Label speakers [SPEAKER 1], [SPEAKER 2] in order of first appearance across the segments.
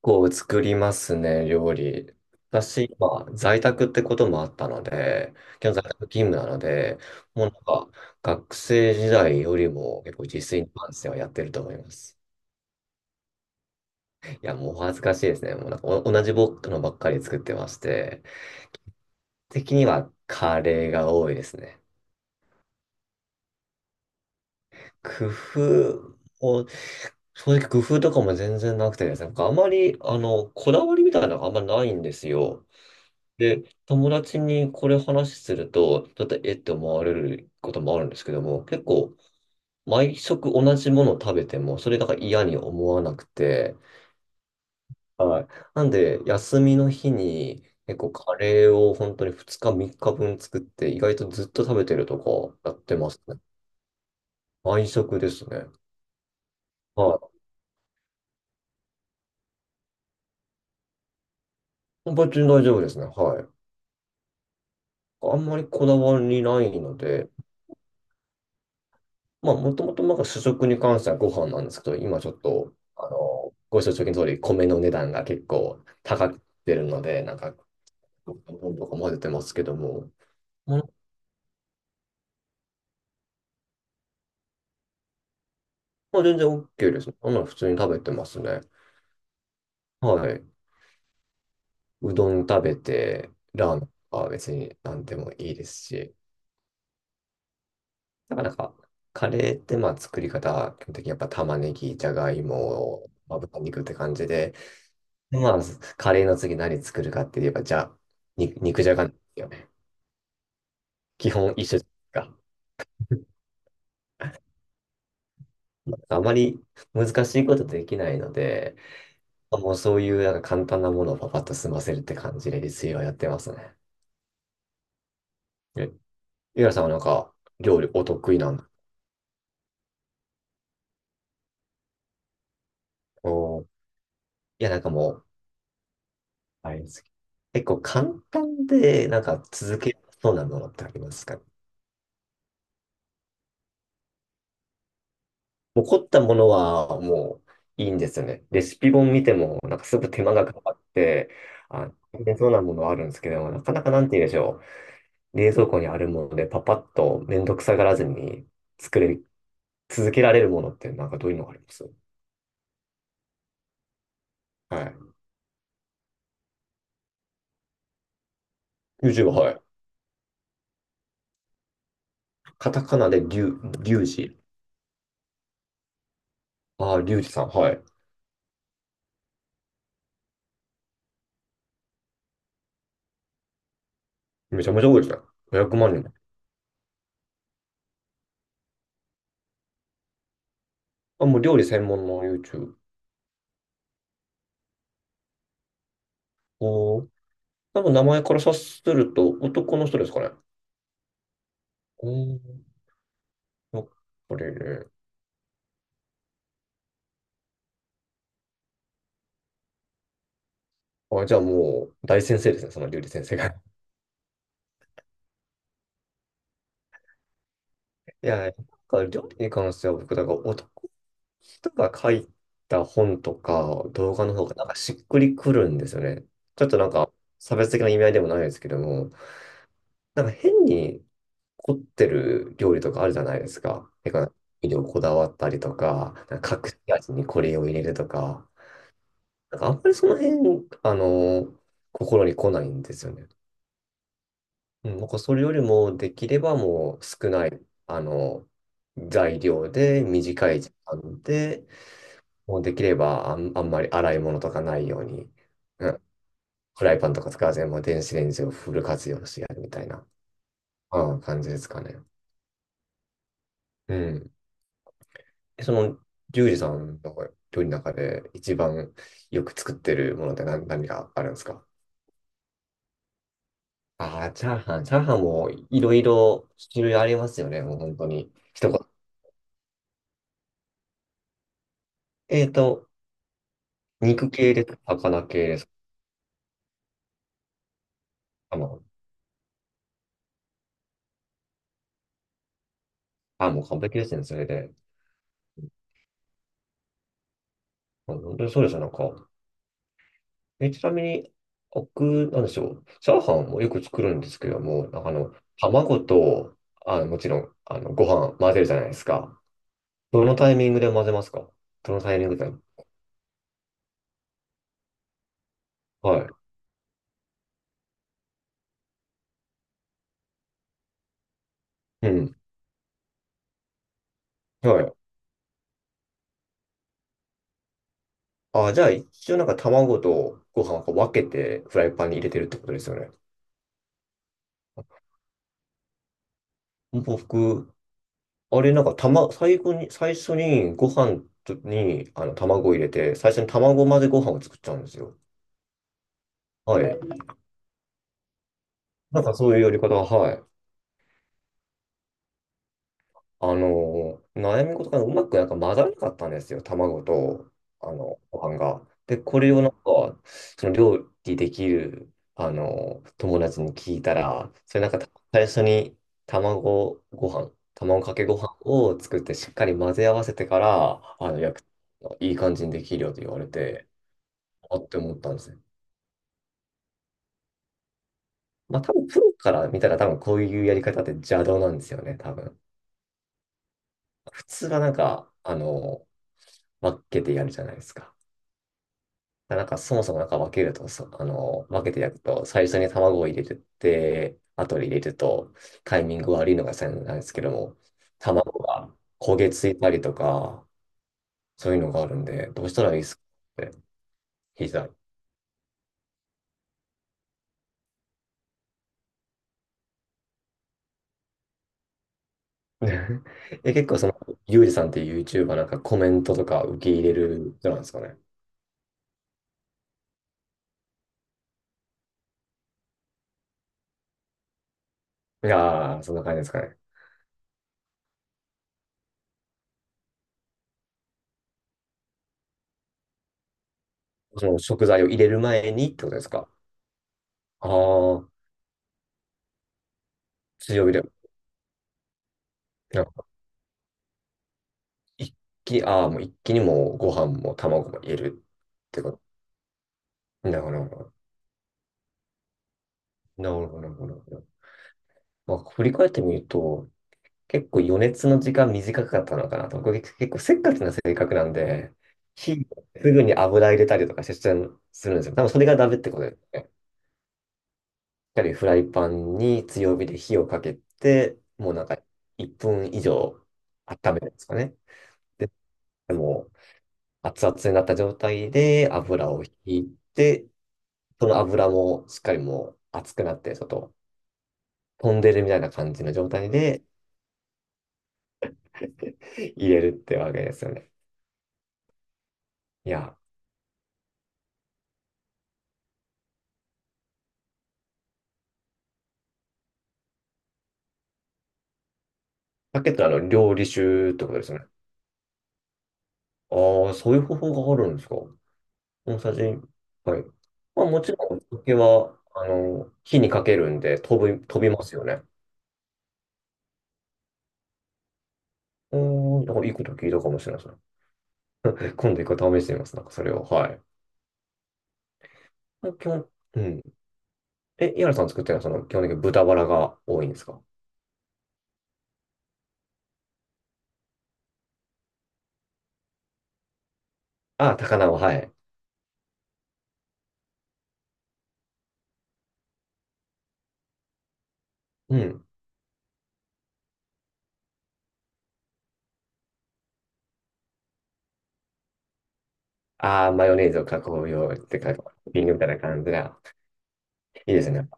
[SPEAKER 1] 構作りますね、料理。私、今在宅ってこともあったので、今日在宅勤務なので、もうなんか、学生時代よりも結構自炊に関してはやってると思います。いや、もうお恥ずかしいですね。もうなんかお同じ僕のばっかり作ってまして、的にはカレーが多いですね。工夫を、正直工夫とかも全然なくてですね、なんかあまり、こだわりみたいなのがあんまないんですよ。で、友達にこれ話すると、ちょっとえって思われることもあるんですけども、結構、毎食同じものを食べても、それだから嫌に思わなくて、はい。なんで、休みの日に、結構カレーを本当に2日3日分作って、意外とずっと食べてるとかやってますね。毎食ですね。はい。別に大丈夫ですね。はい。あんまりこだわりないので、まあ、もともとなんか主食に関してはご飯なんですけど、今ちょっと、ご承知の通り、米の値段が結構高くてるので、なんか、どんとか混ぜてますけども、まあ、まあ全然 OK です。あんなの普通に食べてますね。はい。うどん食べて、ラーメンは別に何でもいいですし、なからなんか、カレーってまあ作り方、基本的にやっぱ玉ねぎ、じゃがいも、まあ、豚肉って感じで、でまあ、カレーの次何作るかって言えば、じゃ、肉じゃがなんですよね。基本一緒じゃないですか。あまり難しいことできないので、もうそういうなんか簡単なものをパパッと済ませるって感じで自炊はやってますね。え、ゆらさんはなんか料理お得意なんだ。おー、いや、なんかもう、あれです、結構簡単でなんか続けそうなものってありますかね？もう凝ったものはもういいんですよね。レシピ本見てもなんかすぐ手間がかかって、あ、大変そうなものはあるんですけども、なかなかなんて言うんでしょう。冷蔵庫にあるものでパパッとめんどくさがらずに作れ、続けられるものってなんかどういうのがあります？はい。リュウジは、はい。カタカナでリュウジ。ああ、リュウジさん、はい。めちゃめちゃ多いですね。500万人も。あ、もう料理専門の YouTube。おー。多分名前から察すると男の人ですかね。おー。やっぱりね。あ、じゃあもう大先生ですね、その料理先生が。いや、なんか料理に関しては僕、だから男人が書いた本とか動画の方がなんかしっくりくるんですよね。ちょっとなんか差別的な意味合いでもないですけども、なんか変に凝ってる料理とかあるじゃないですか。てか、味料こだわったりとか、なんか隠し味にこれを入れるとか、なんかあんまりその辺、心に来ないんですよね。うん、なんかそれよりもできればもう少ない、あの、材料で短い時間で、もうできればあんまり洗い物とかないように、うん、フライパンとか使わずにもう電子レンジをフル活用してやるみたいな、うん、感じですかね。うん。えその、リュウジさんの料理の中で一番よく作ってるものって何があるんですか？ああー、チャーハン。チャーハンもいろいろ種類ありますよね。もう本当に。一言。えっと、肉系です。魚系です。あもう、あ、もう完璧ですね。それで。うん、本当にそうですよ。なんか、え、ちなみに、僕、なんでしょう。チャーハンもよく作るんですけども、卵と、もちろん、ご飯混ぜるじゃないですか。どのタイミングで混ぜますか？どのタイミングで、はい。うん。はい。あ、じゃあ、一応なんか卵とご飯をこう分けてフライパンに入れてるってことですよね。僕、あれなんか、最初にご飯とに、卵を入れて、最初に卵混ぜご飯を作っちゃうんですよ。はい。なんかそういうやり方は、はい。悩み事がうまくなんか混ざらなかったんですよ、卵と、ご飯が。で、これをなんか、その料理できる、友達に聞いたら、それなんか最初に卵かけご飯を作ってしっかり混ぜ合わせてから、焼く、いい感じにできるよと言われて、あって思ったんですね。まあ多分プロから見たら多分こういうやり方って邪道なんですよね、多分。普通はなんか、分けてやるじゃないですか。なんかそもそもなんか分けると、そあの、分けて焼くと、最初に卵を入れて、後で入れると、タイミング悪いのが先なんですけども、卵が焦げついたりとか、そういうのがあるんで、どうしたらいいですかって聞いた。え、結構その、ユージさんっていう YouTuber なんかコメントとか受け入れる人なんですかね。いやー、そんな感じですかね。その食材を入れる前にってことですか。ああ、強火で。一ああ、もう一気にもうご飯も卵も入れるってこと。なるほど、なるほど。なるほど、まあ、振り返ってみると、結構余熱の時間短かったのかなと。僕結構せっかちな性格なんで、火、すぐに油入れたりとかしちゃうするんですよ。多分それがダメってことですね。しっかりフライパンに強火で火をかけて、もうなんか1分以上温めるんですかね。で、もう熱々になった状態で油を引いて、その油もしっかりもう熱くなって、ちょっと飛んでるみたいな感じの状態で 入れるってわけですよね。いや、さけってあの、料理酒ってことですよね。ああ、そういう方法があるんですか。大さじ、はい。まあもちろん、お酒は、火にかけるんで飛びますよね。うーん、なんかいいこと聞いたかもしれないですね。今度一回試してみます。なんかそれを。はい。まあ基本、うん。え、井原さん作ってるのは、その、基本的に豚バラが多いんですか？ああ、高菜は、はい。うん。ああ、マヨネーズを囲むようってか、トッピングみたいな感じが、いいですね。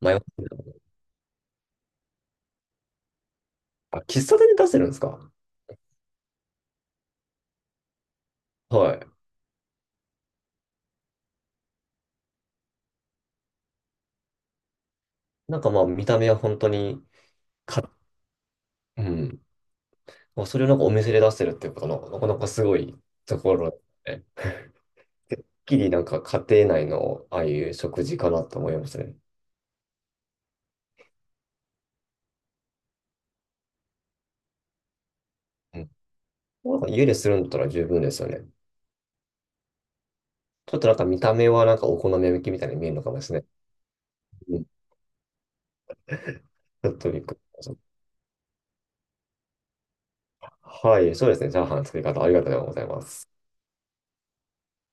[SPEAKER 1] マヨネーズ。あ、喫茶店で出してるんですか？はい。なんかまあ、見た目は本当に、か、うん。まあそれをなんかお店で出してるっていうことの、なかなかすごいところで、てっきりなんか家庭内のああいう食事かなと思いますね。うん。なんか家でするんだったら十分ですよね。ちょっとなんか見た目はなんかお好み焼きみたいに見えるのかもしれない。うん。ちょっとびっくりしました。はい、そうですね。チャーハンの作り方ありがとうございます。